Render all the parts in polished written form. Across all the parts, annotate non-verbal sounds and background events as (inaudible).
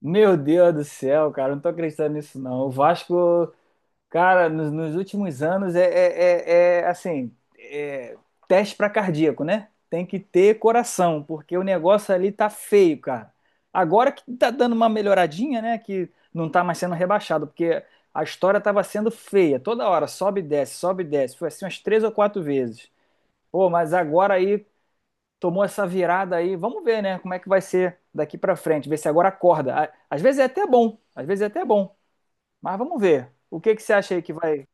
Meu Deus do céu, cara, não tô acreditando nisso não. O Vasco, cara, nos últimos anos assim, é teste para cardíaco, né? Tem que ter coração, porque o negócio ali tá feio, cara. Agora que tá dando uma melhoradinha, né? Que não tá mais sendo rebaixado, porque a história tava sendo feia. Toda hora, sobe e desce, sobe e desce. Foi assim umas três ou quatro vezes. Pô, mas agora aí tomou essa virada aí. Vamos ver, né? Como é que vai ser daqui para frente, ver se agora acorda. Às vezes é até bom, às vezes é até bom, mas vamos ver. O que que você acha aí que vai?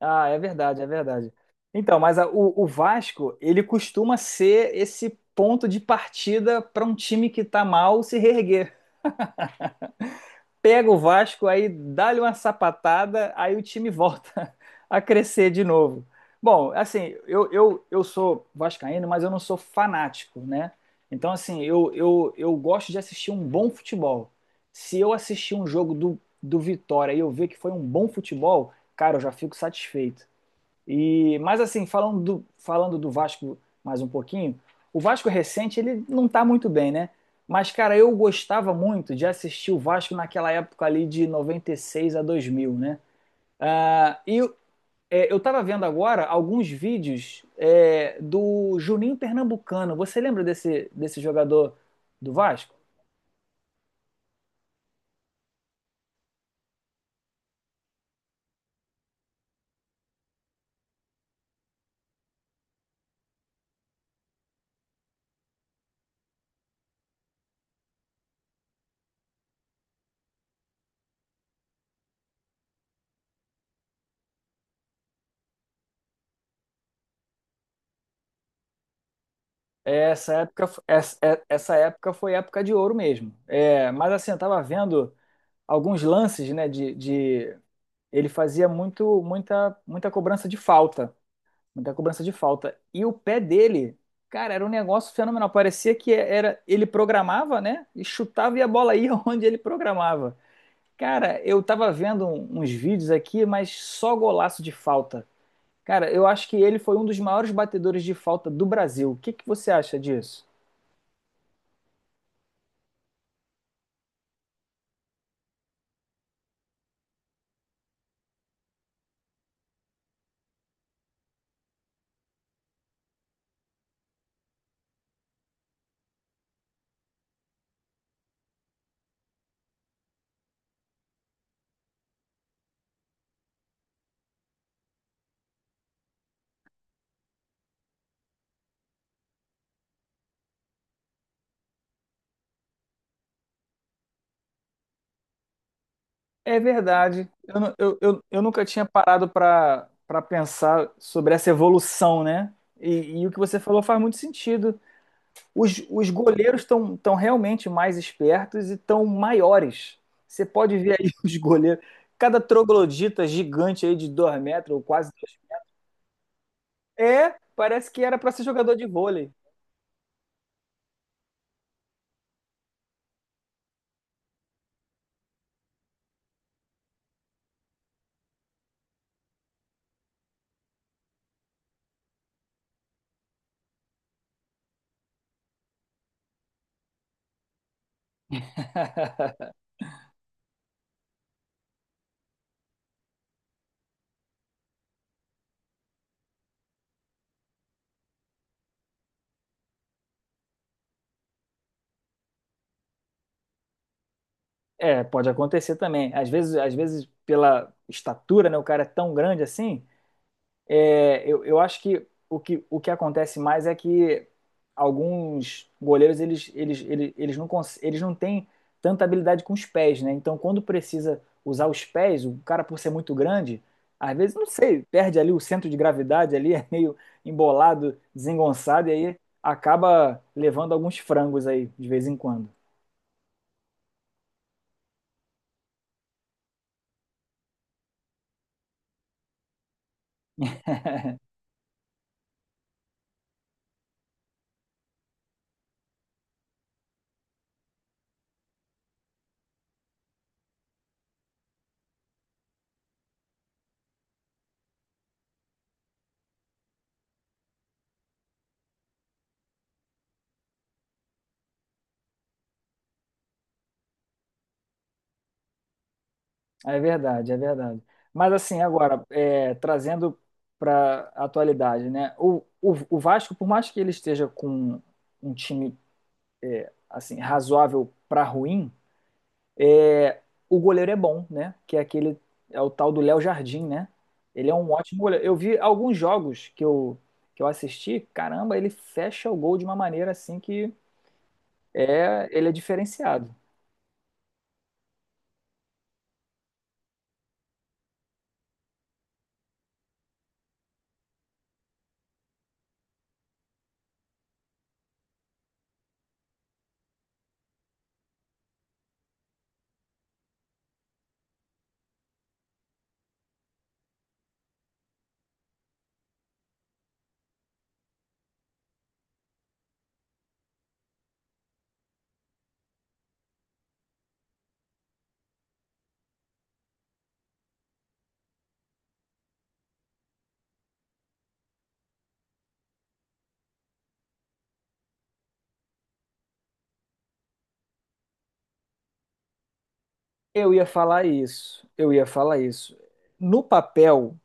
Ah, é verdade, é verdade. Então, mas o Vasco, ele costuma ser esse ponto de partida para um time que está mal se reerguer. Pega o Vasco, aí dá-lhe uma sapatada, aí o time volta (laughs) a crescer de novo. Bom, assim, eu sou vascaíno, mas eu não sou fanático, né? Então, assim, eu gosto de assistir um bom futebol. Se eu assistir um jogo do Vitória e eu ver que foi um bom futebol, cara, eu já fico satisfeito. E, mas assim, falando do Vasco mais um pouquinho, o Vasco recente ele não tá muito bem, né? Mas, cara, eu gostava muito de assistir o Vasco naquela época ali de 96 a 2000, né? Ah, e eu tava vendo agora alguns vídeos do Juninho Pernambucano. Você lembra desse jogador do Vasco? É. Essa época, f- essa, é- essa época foi época de ouro mesmo. É, mas assim, eu tava vendo alguns lances, né, de ele fazia muita cobrança de falta, muita cobrança de falta. E o pé dele, cara, era um negócio fenomenal. Parecia que era, ele programava, né? E chutava e a bola ia (laughs) onde ele programava. Cara, eu tava vendo uns vídeos aqui, mas só golaço de falta. Cara, eu acho que ele foi um dos maiores batedores de falta do Brasil. O que que você acha disso? É verdade. Eu, nu- eu nunca tinha parado para pensar sobre essa evolução, né? E o que você falou faz muito sentido. Os goleiros estão tão realmente mais espertos e estão maiores. Você pode ver aí (laughs) os goleiros. Cada troglodita gigante aí de 2 metros, ou quase 2. É, parece que era para ser jogador de vôlei. É, pode acontecer também. Às vezes, pela estatura, né, o cara é tão grande assim. É, eu acho que que o que acontece mais é que alguns goleiros eles não têm tanta habilidade com os pés, né? Então, quando precisa usar os pés, o cara, por ser muito grande, às vezes, não sei, perde ali o centro de gravidade ali, (laughs) é meio embolado, desengonçado, e aí acaba levando alguns frangos aí, de vez em quando. É verdade, é verdade. Mas assim, agora, trazendo para a atualidade, né? O Vasco, por mais que ele esteja com um time assim razoável para ruim, é, o goleiro é bom, né? Que é aquele é o tal do Léo Jardim, né? Ele é um ótimo goleiro. Eu vi alguns jogos que eu assisti, caramba, ele fecha o gol de uma maneira assim ele é diferenciado. Eu ia falar isso, eu ia falar isso. No papel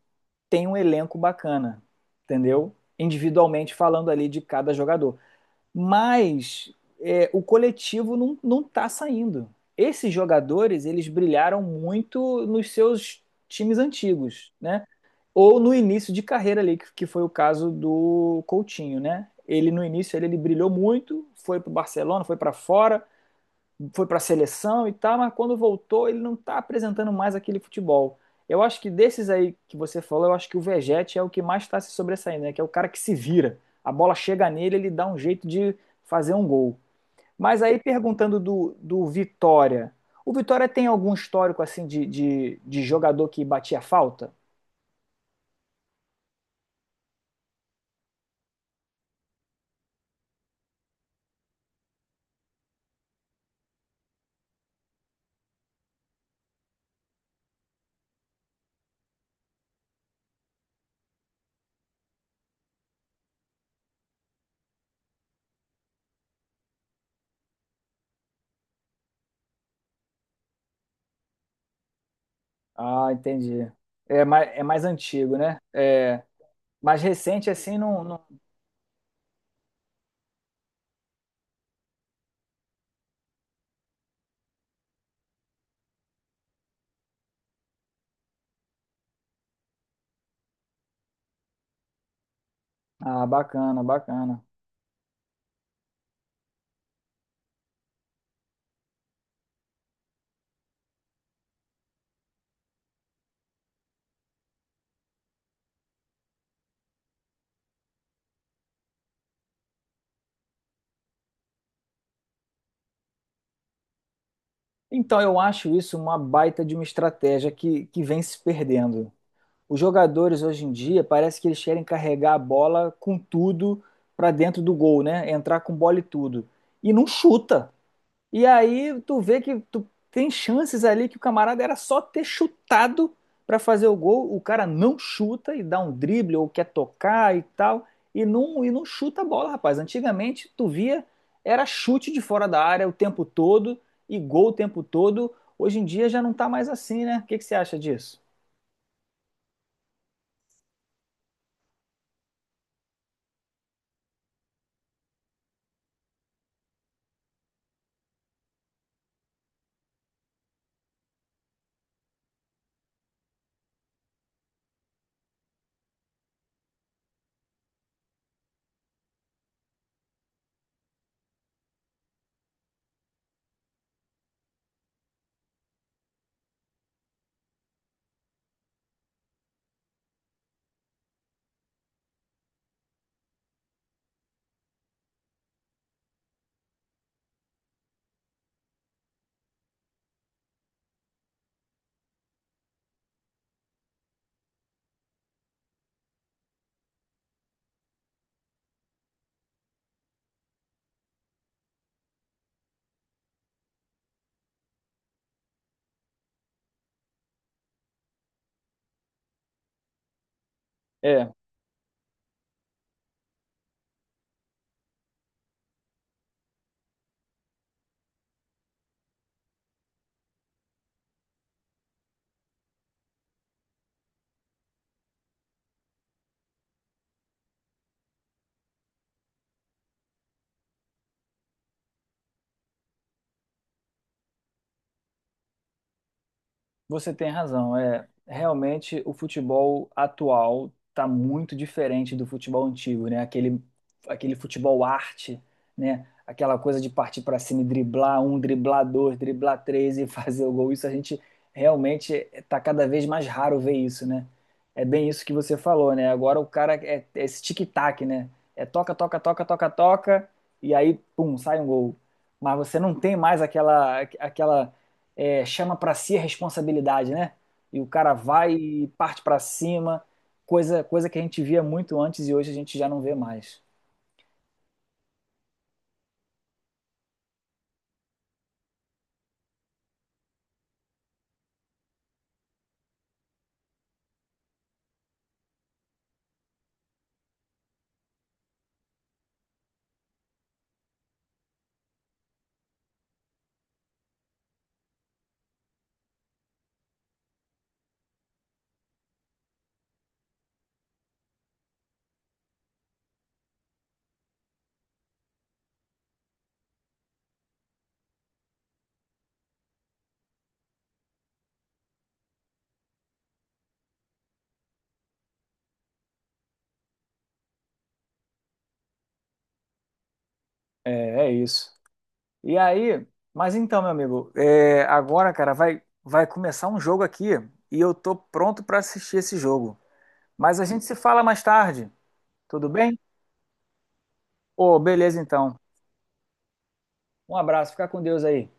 tem um elenco bacana, entendeu? Individualmente falando ali de cada jogador. Mas o coletivo não tá saindo. Esses jogadores, eles brilharam muito nos seus times antigos, né? Ou no início de carreira ali, que foi o caso do Coutinho, né? Ele no início ele brilhou muito, foi para o Barcelona, foi para fora, foi para a seleção e tal, mas quando voltou ele não está apresentando mais aquele futebol. Eu acho que desses aí que você falou, eu acho que o Vegete é o que mais está se sobressaindo, né? Que é o cara que se vira. A bola chega nele, ele dá um jeito de fazer um gol. Mas aí perguntando do Vitória, o Vitória tem algum histórico assim de jogador que batia falta? Ah, entendi. É mais antigo, né? É, mais recente assim não, Ah, bacana, bacana. Então, eu acho isso uma baita de uma estratégia que vem se perdendo. Os jogadores hoje em dia parece que eles querem carregar a bola com tudo para dentro do gol, né? Entrar com bola e tudo. E não chuta. E aí tu vê que tu tem chances ali que o camarada era só ter chutado para fazer o gol, o cara não chuta e dá um drible ou quer tocar e tal, e não chuta a bola, rapaz. Antigamente tu via era chute de fora da área o tempo todo e gol o tempo todo. Hoje em dia já não tá mais assim, né? O que que você acha disso? É. Você tem razão. É, realmente o futebol atual está muito diferente do futebol antigo, né? Aquele futebol arte, né? Aquela coisa de partir para cima e driblar um, driblar dois, driblar três e (laughs) fazer o gol. Isso a gente realmente está cada vez mais raro ver isso, né? É bem isso que você falou, né? Agora o cara é esse tic-tac, né? É toca, toca, toca, toca, toca e aí, pum, sai um gol. Mas você não tem mais aquela, chama para si a responsabilidade, né? E o cara vai e parte para cima, coisa que a gente via muito antes e hoje a gente já não vê mais. É isso. E aí, mas então, meu amigo, agora, cara, vai começar um jogo aqui e eu tô pronto para assistir esse jogo. Mas a gente se fala mais tarde, tudo bem? Ô, beleza então. Um abraço, fica com Deus aí.